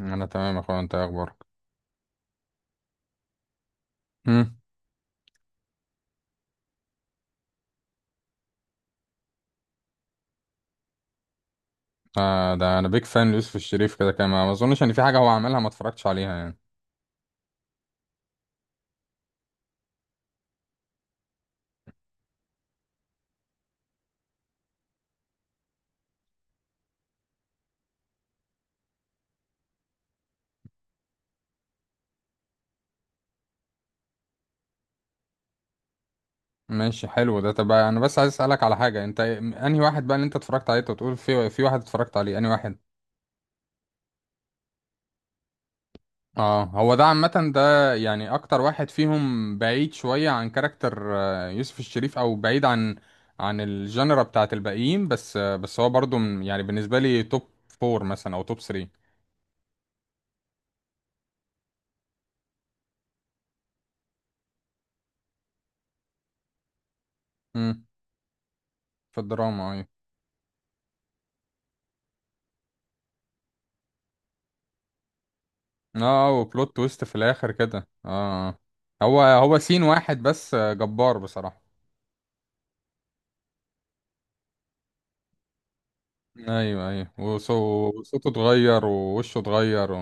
انا تمام يا اخويا، انت إيه اخبارك؟ امم آه، ده انا بيك فان ليوسف الشريف كده كده، ما اظنش ان في حاجه هو عملها ما اتفرجتش عليها يعني. ماشي، حلو ده. طب انا بس عايز اسالك على حاجه، انت انهي واحد بقى اللي انت اتفرجت عليه؟ أنت بتقول في واحد اتفرجت عليه، انهي واحد؟ اه، هو ده عامه. ده يعني اكتر واحد فيهم بعيد شويه عن كاركتر يوسف الشريف، او بعيد عن الجنرا بتاعت الباقيين، بس هو برضو يعني بالنسبه لي توب فور مثلا، او توب 3. امم في الدراما، ايوه. اه، وبلوت تويست في الاخر كده، اه، آه. هو سين واحد، بس جبار بصراحة. ايوه، ايوه، وصوته اتغير ووشه اتغير و.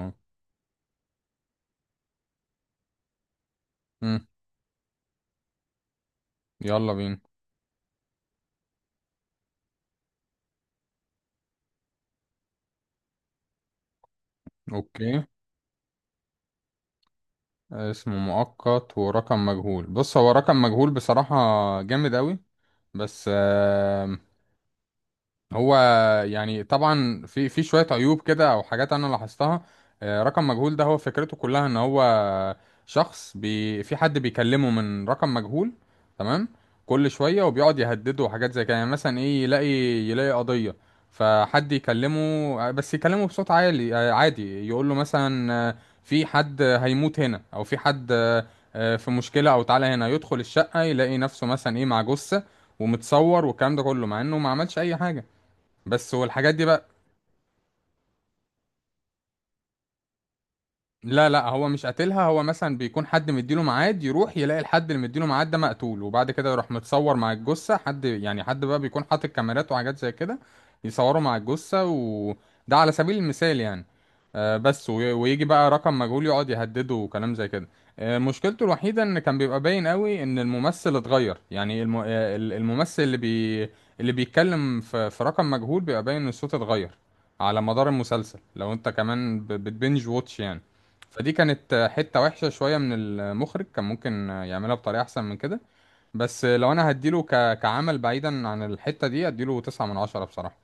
مم. يلا بينا. اوكي. اسمه مؤقت ورقم مجهول. بص، هو رقم مجهول بصراحة جامد اوي، بس هو يعني طبعا في شويه عيوب كده او حاجات انا لاحظتها. رقم مجهول ده، هو فكرته كلها ان هو شخص في حد بيكلمه من رقم مجهول. تمام. كل شويه وبيقعد يهدده وحاجات زي كده. يعني مثلا ايه، يلاقي قضيه فحد يكلمه، بس يكلمه بصوت عالي، عادي يقول له مثلا في حد هيموت هنا، او في حد في مشكله، او تعالى هنا. يدخل الشقه يلاقي نفسه مثلا ايه مع جثه ومتصور، والكلام ده كله مع انه ما عملش اي حاجه، بس، والحاجات دي بقى. لا، لا، هو مش قاتلها. هو مثلا بيكون حد مديله ميعاد، يروح يلاقي الحد اللي مديله ميعاد ده مقتول، وبعد كده يروح متصور مع الجثة، حد يعني حد بقى بيكون حاطط كاميرات وحاجات زي كده يصوروا مع الجثة، وده على سبيل المثال يعني. بس ويجي بقى رقم مجهول يقعد يهدده وكلام زي كده. مشكلته الوحيدة ان كان بيبقى باين قوي ان الممثل اتغير، يعني الممثل اللي اللي بيتكلم في رقم مجهول بيبقى باين ان الصوت اتغير على مدار المسلسل، لو انت كمان بتبنج واتش يعني. فدي كانت حتة وحشة شوية من المخرج، كان ممكن يعملها بطريقة أحسن من كده. بس لو أنا هديله كعمل بعيدا عن الحتة دي، هديله تسعة من عشرة بصراحة.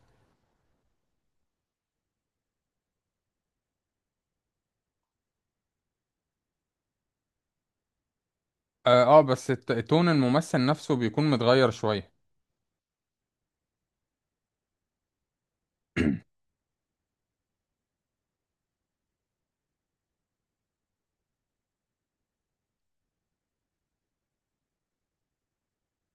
آه، آه، بس تون الممثل نفسه بيكون متغير شوية.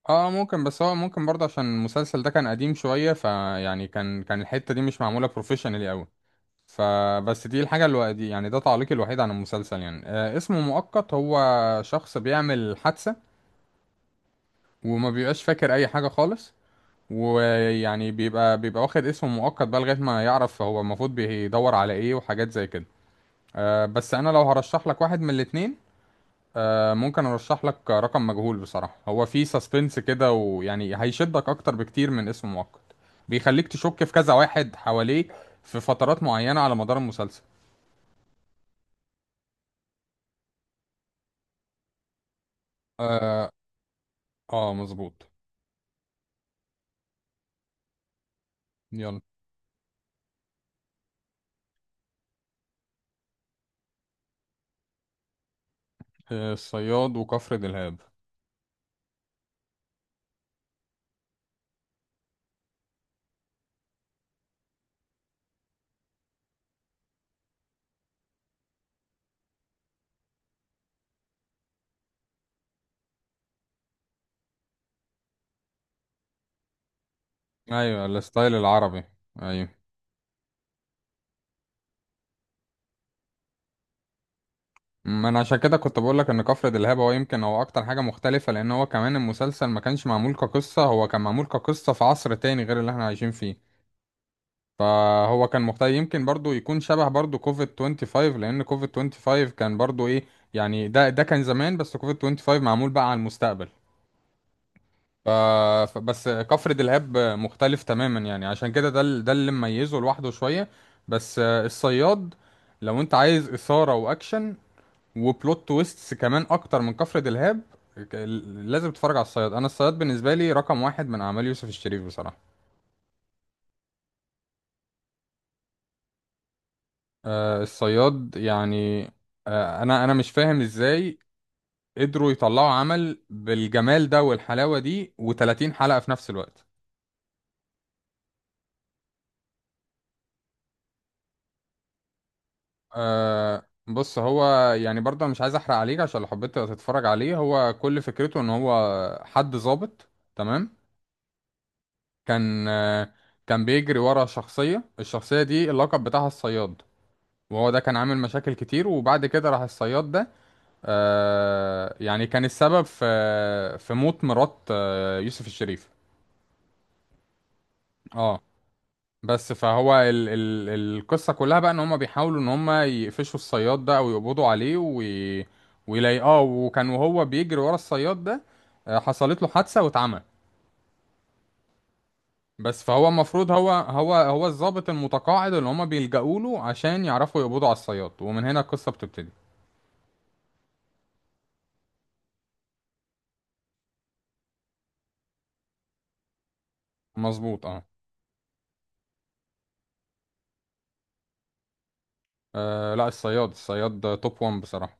آه، آه، ممكن. بس هو ممكن برضه عشان المسلسل ده كان قديم شوية، فيعني كان الحتة دي مش معمولة بروفيشنالي أوي. فبس دي الحاجة اللي دي يعني، ده تعليقي الوحيد عن المسلسل يعني. اسمه مؤقت، هو شخص بيعمل حادثة وما بيبقاش فاكر أي حاجة خالص، ويعني بيبقى واخد اسم مؤقت بقى لغاية ما يعرف هو المفروض بيدور على ايه وحاجات زي كده. بس انا لو هرشح لك واحد من الاتنين، ممكن ارشح لك رقم مجهول بصراحة. هو فيه سسبنس كده، ويعني هيشدك اكتر بكتير من اسم مؤقت. بيخليك تشك في كذا واحد حواليه في فترات معينة على مدار المسلسل. اه، آه، مظبوط. يلا. الصياد وكفر دلهاب. ايوه، الستايل العربي. ايوه. ما انا عشان كده كنت بقول لك ان كفر دلهاب هو، يمكن هو اكتر حاجه مختلفه، لان هو كمان المسلسل ما كانش معمول كقصه، هو كان معمول كقصه في عصر تاني غير اللي احنا عايشين فيه. فهو كان مختلف. يمكن برضو يكون شبه برضو كوفيد 25، لان كوفيد 25 كان برضو ايه، يعني ده كان زمان، بس كوفيد 25 معمول بقى على المستقبل. ف... بس كفر دلهاب مختلف تماما يعني، عشان كده ده اللي مميزه لوحده شويه. بس الصياد، لو انت عايز اثاره واكشن وبلوت تويستس كمان اكتر من كفر دلهاب، ك- لازم تتفرج على الصياد. انا الصياد بالنسبه لي رقم واحد من اعمال يوسف الشريف بصراحه. آه، الصياد يعني. انا مش فاهم ازاي قدروا يطلعوا عمل بالجمال ده والحلاوه دي و30 حلقه في نفس الوقت. بص، هو يعني برضه أنا مش عايز احرق عليك، عشان لو حبيت تتفرج عليه. هو كل فكرته ان هو حد ظابط. تمام. كان آه كان بيجري ورا شخصيه، الشخصيه دي اللقب بتاعها الصياد، وهو ده كان عامل مشاكل كتير، وبعد كده راح الصياد ده يعني كان السبب في موت مرات يوسف الشريف. اه، بس فهو ال القصة كلها بقى ان هم بيحاولوا ان هم يقفشوا الصياد ده او يقبضوا عليه ويلاقيه. وهو بيجري ورا الصياد ده حصلت له حادثة واتعمى. بس فهو المفروض هو الضابط المتقاعد اللي هم بيلجأوا له عشان يعرفوا يقبضوا على الصياد، ومن هنا القصة بتبتدي. مظبوط، اه. لا، الصياد، الصياد ده توب 1 بصراحة.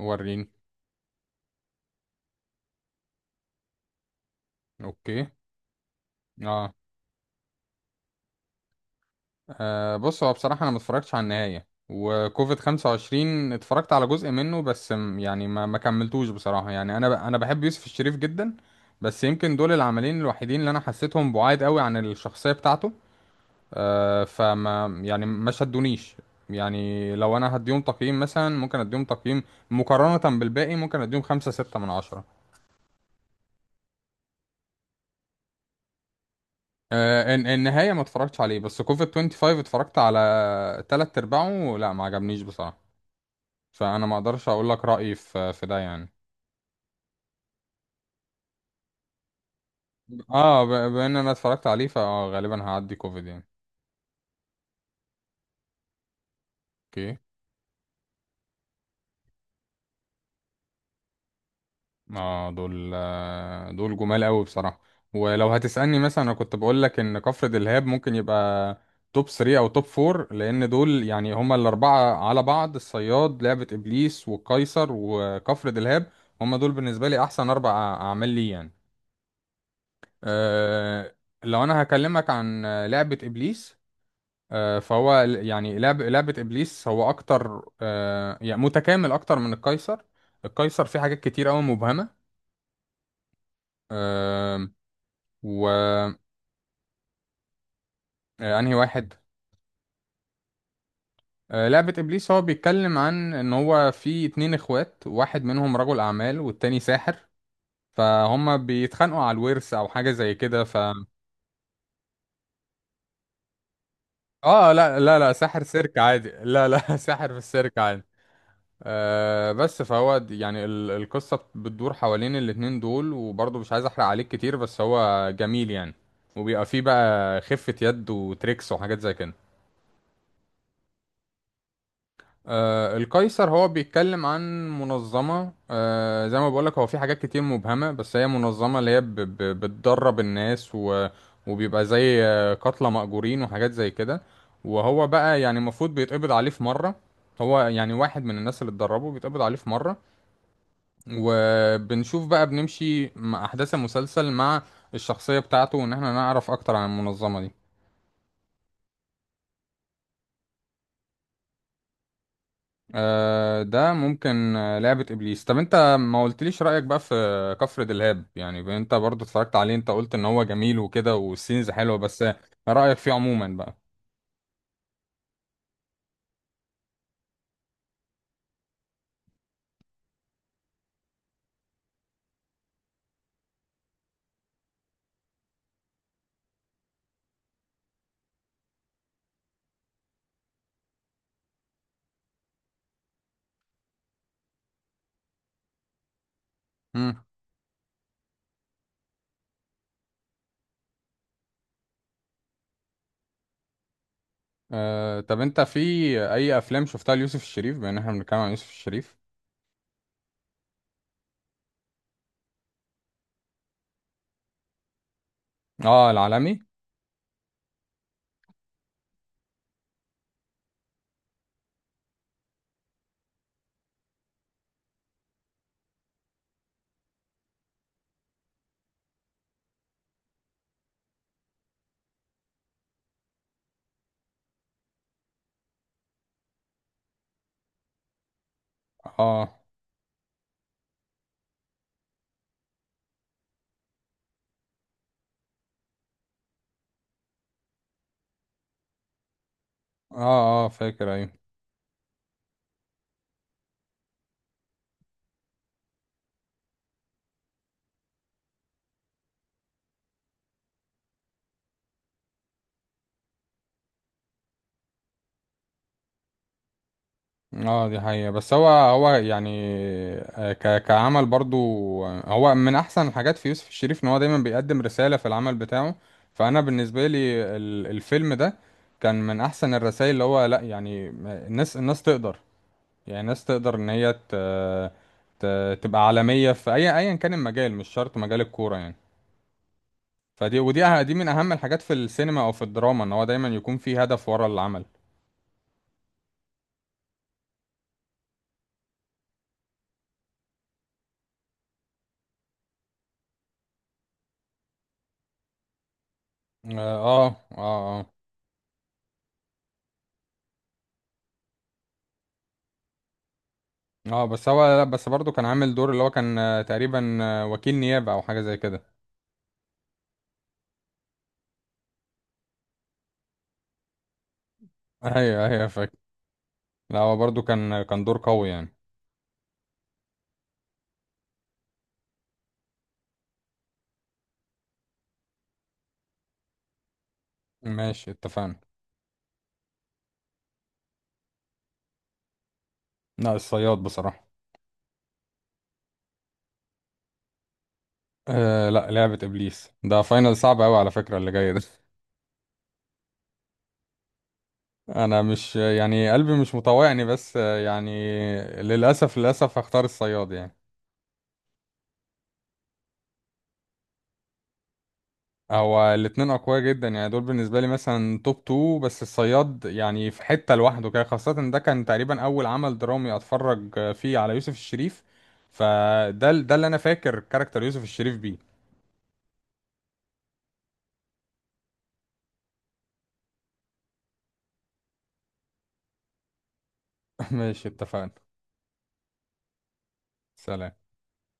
وريني. اوكي. اه، آه، بص، هو بصراحة انا ما اتفرجتش على النهاية، وكوفيد 25 اتفرجت على جزء منه بس، يعني ما كملتوش بصراحة. يعني انا بحب يوسف الشريف جدا. بس يمكن دول العملين الوحيدين اللي انا حسيتهم بعاد قوي عن الشخصية بتاعته. فما يعني ما شدونيش. يعني لو انا هديهم تقييم، مثلا ممكن اديهم تقييم مقارنة بالباقي، ممكن اديهم خمسة ستة من عشرة. النهاية ما اتفرجتش عليه، بس كوفيد 25 اتفرجت على تلات ارباعه، لا ما عجبنيش بصراحة. فانا ما اقدرش اقول لك رأيي في ده يعني. اه، بما ان انا اتفرجت عليه فغالبا هعدي كوفيد يعني. اوكي. اه، دول جمال قوي بصراحة. ولو هتسألني، مثلا انا كنت بقول لك ان كفر دلهاب ممكن يبقى توب 3 او توب 4، لان دول يعني هما الاربعة على بعض: الصياد، لعبة ابليس، والقيصر، وكفر دلهاب. هما دول بالنسبة لي احسن اربع اعمال لي يعني. آه، لو انا هكلمك عن لعبة ابليس، فهو يعني لعبة ابليس هو اكتر، يعني متكامل اكتر من القيصر. القيصر فيه حاجات كتير قوي مبهمة. آه، و آه، انهي واحد؟ لعبة ابليس هو بيتكلم عن ان هو في اتنين اخوات، واحد منهم رجل اعمال والتاني ساحر، فهما بيتخانقوا على الورث او حاجة زي كده، اه، لا، لا، لا، ساحر سيرك عادي، لا، لا، ساحر في السيرك عادي. بس فهو يعني القصة بتدور حوالين الاتنين دول، وبرضه مش عايز احرق عليك كتير، بس هو جميل يعني. وبيبقى فيه بقى خفة يد وتريكس وحاجات زي كده. القيصر هو بيتكلم عن منظمة، زي ما بقولك هو في حاجات كتير مبهمة، بس هي منظمة اللي هي بتدرب الناس و وبيبقى زي قتلى مأجورين وحاجات زي كده. وهو بقى يعني المفروض بيتقبض عليه في مرة، هو يعني واحد من الناس اللي اتدربوا بيتقبض عليه في مرة، وبنشوف بقى بنمشي مع أحداث المسلسل مع الشخصية بتاعته، وإن احنا نعرف أكتر عن المنظمة دي. ده ممكن لعبة إبليس. طب أنت ما قلتليش رأيك بقى في كفر دلهاب يعني، أنت برضو اتفرجت عليه. أنت قلت إن هو جميل وكده والسينز حلوة، بس رأيك فيه عموما بقى؟ مم. طب أنت في أي أفلام شفتها ليوسف الشريف، بما إن احنا بنتكلم عن يوسف الشريف؟ اه، العالمي. اه، اه، اه، فاكر، أيوه. اه، دي حقيقة، بس هو يعني آه، ك كعمل برضو، هو من احسن الحاجات في يوسف الشريف ان هو دايما بيقدم رسالة في العمل بتاعه. فانا بالنسبة لي الفيلم ده كان من احسن الرسائل، اللي هو لا يعني الناس تقدر، يعني الناس تقدر ان هي ت ت تبقى عالمية في اي، ايا كان المجال، مش شرط مجال الكورة يعني. دي من اهم الحاجات في السينما او في الدراما، ان هو دايما يكون في هدف ورا العمل. اه، اه، اه، آه. اه، بس هو لا، بس برضه كان عامل دور اللي هو كان تقريبا وكيل نيابة او حاجة زي كده ايوه، ايوه، فاكر. لا، هو برضه كان دور قوي يعني. ماشي، اتفقنا. لا، الصياد بصراحة. آه، لا، لعبة ابليس. ده فاينل صعب قوي على فكرة اللي جاي ده. انا مش يعني قلبي مش مطوعني، بس يعني للاسف، للاسف، هختار الصياد يعني. هو الاتنين اقوياء جدا يعني، دول بالنسبه لي مثلا توب 2. بس الصياد يعني في حته لوحده كده، خاصه إن ده كان تقريبا اول عمل درامي اتفرج فيه على يوسف الشريف. فده ال- ده اللي انا فاكر كاركتر يوسف الشريف بيه. ماشي، اتفقنا. سلام.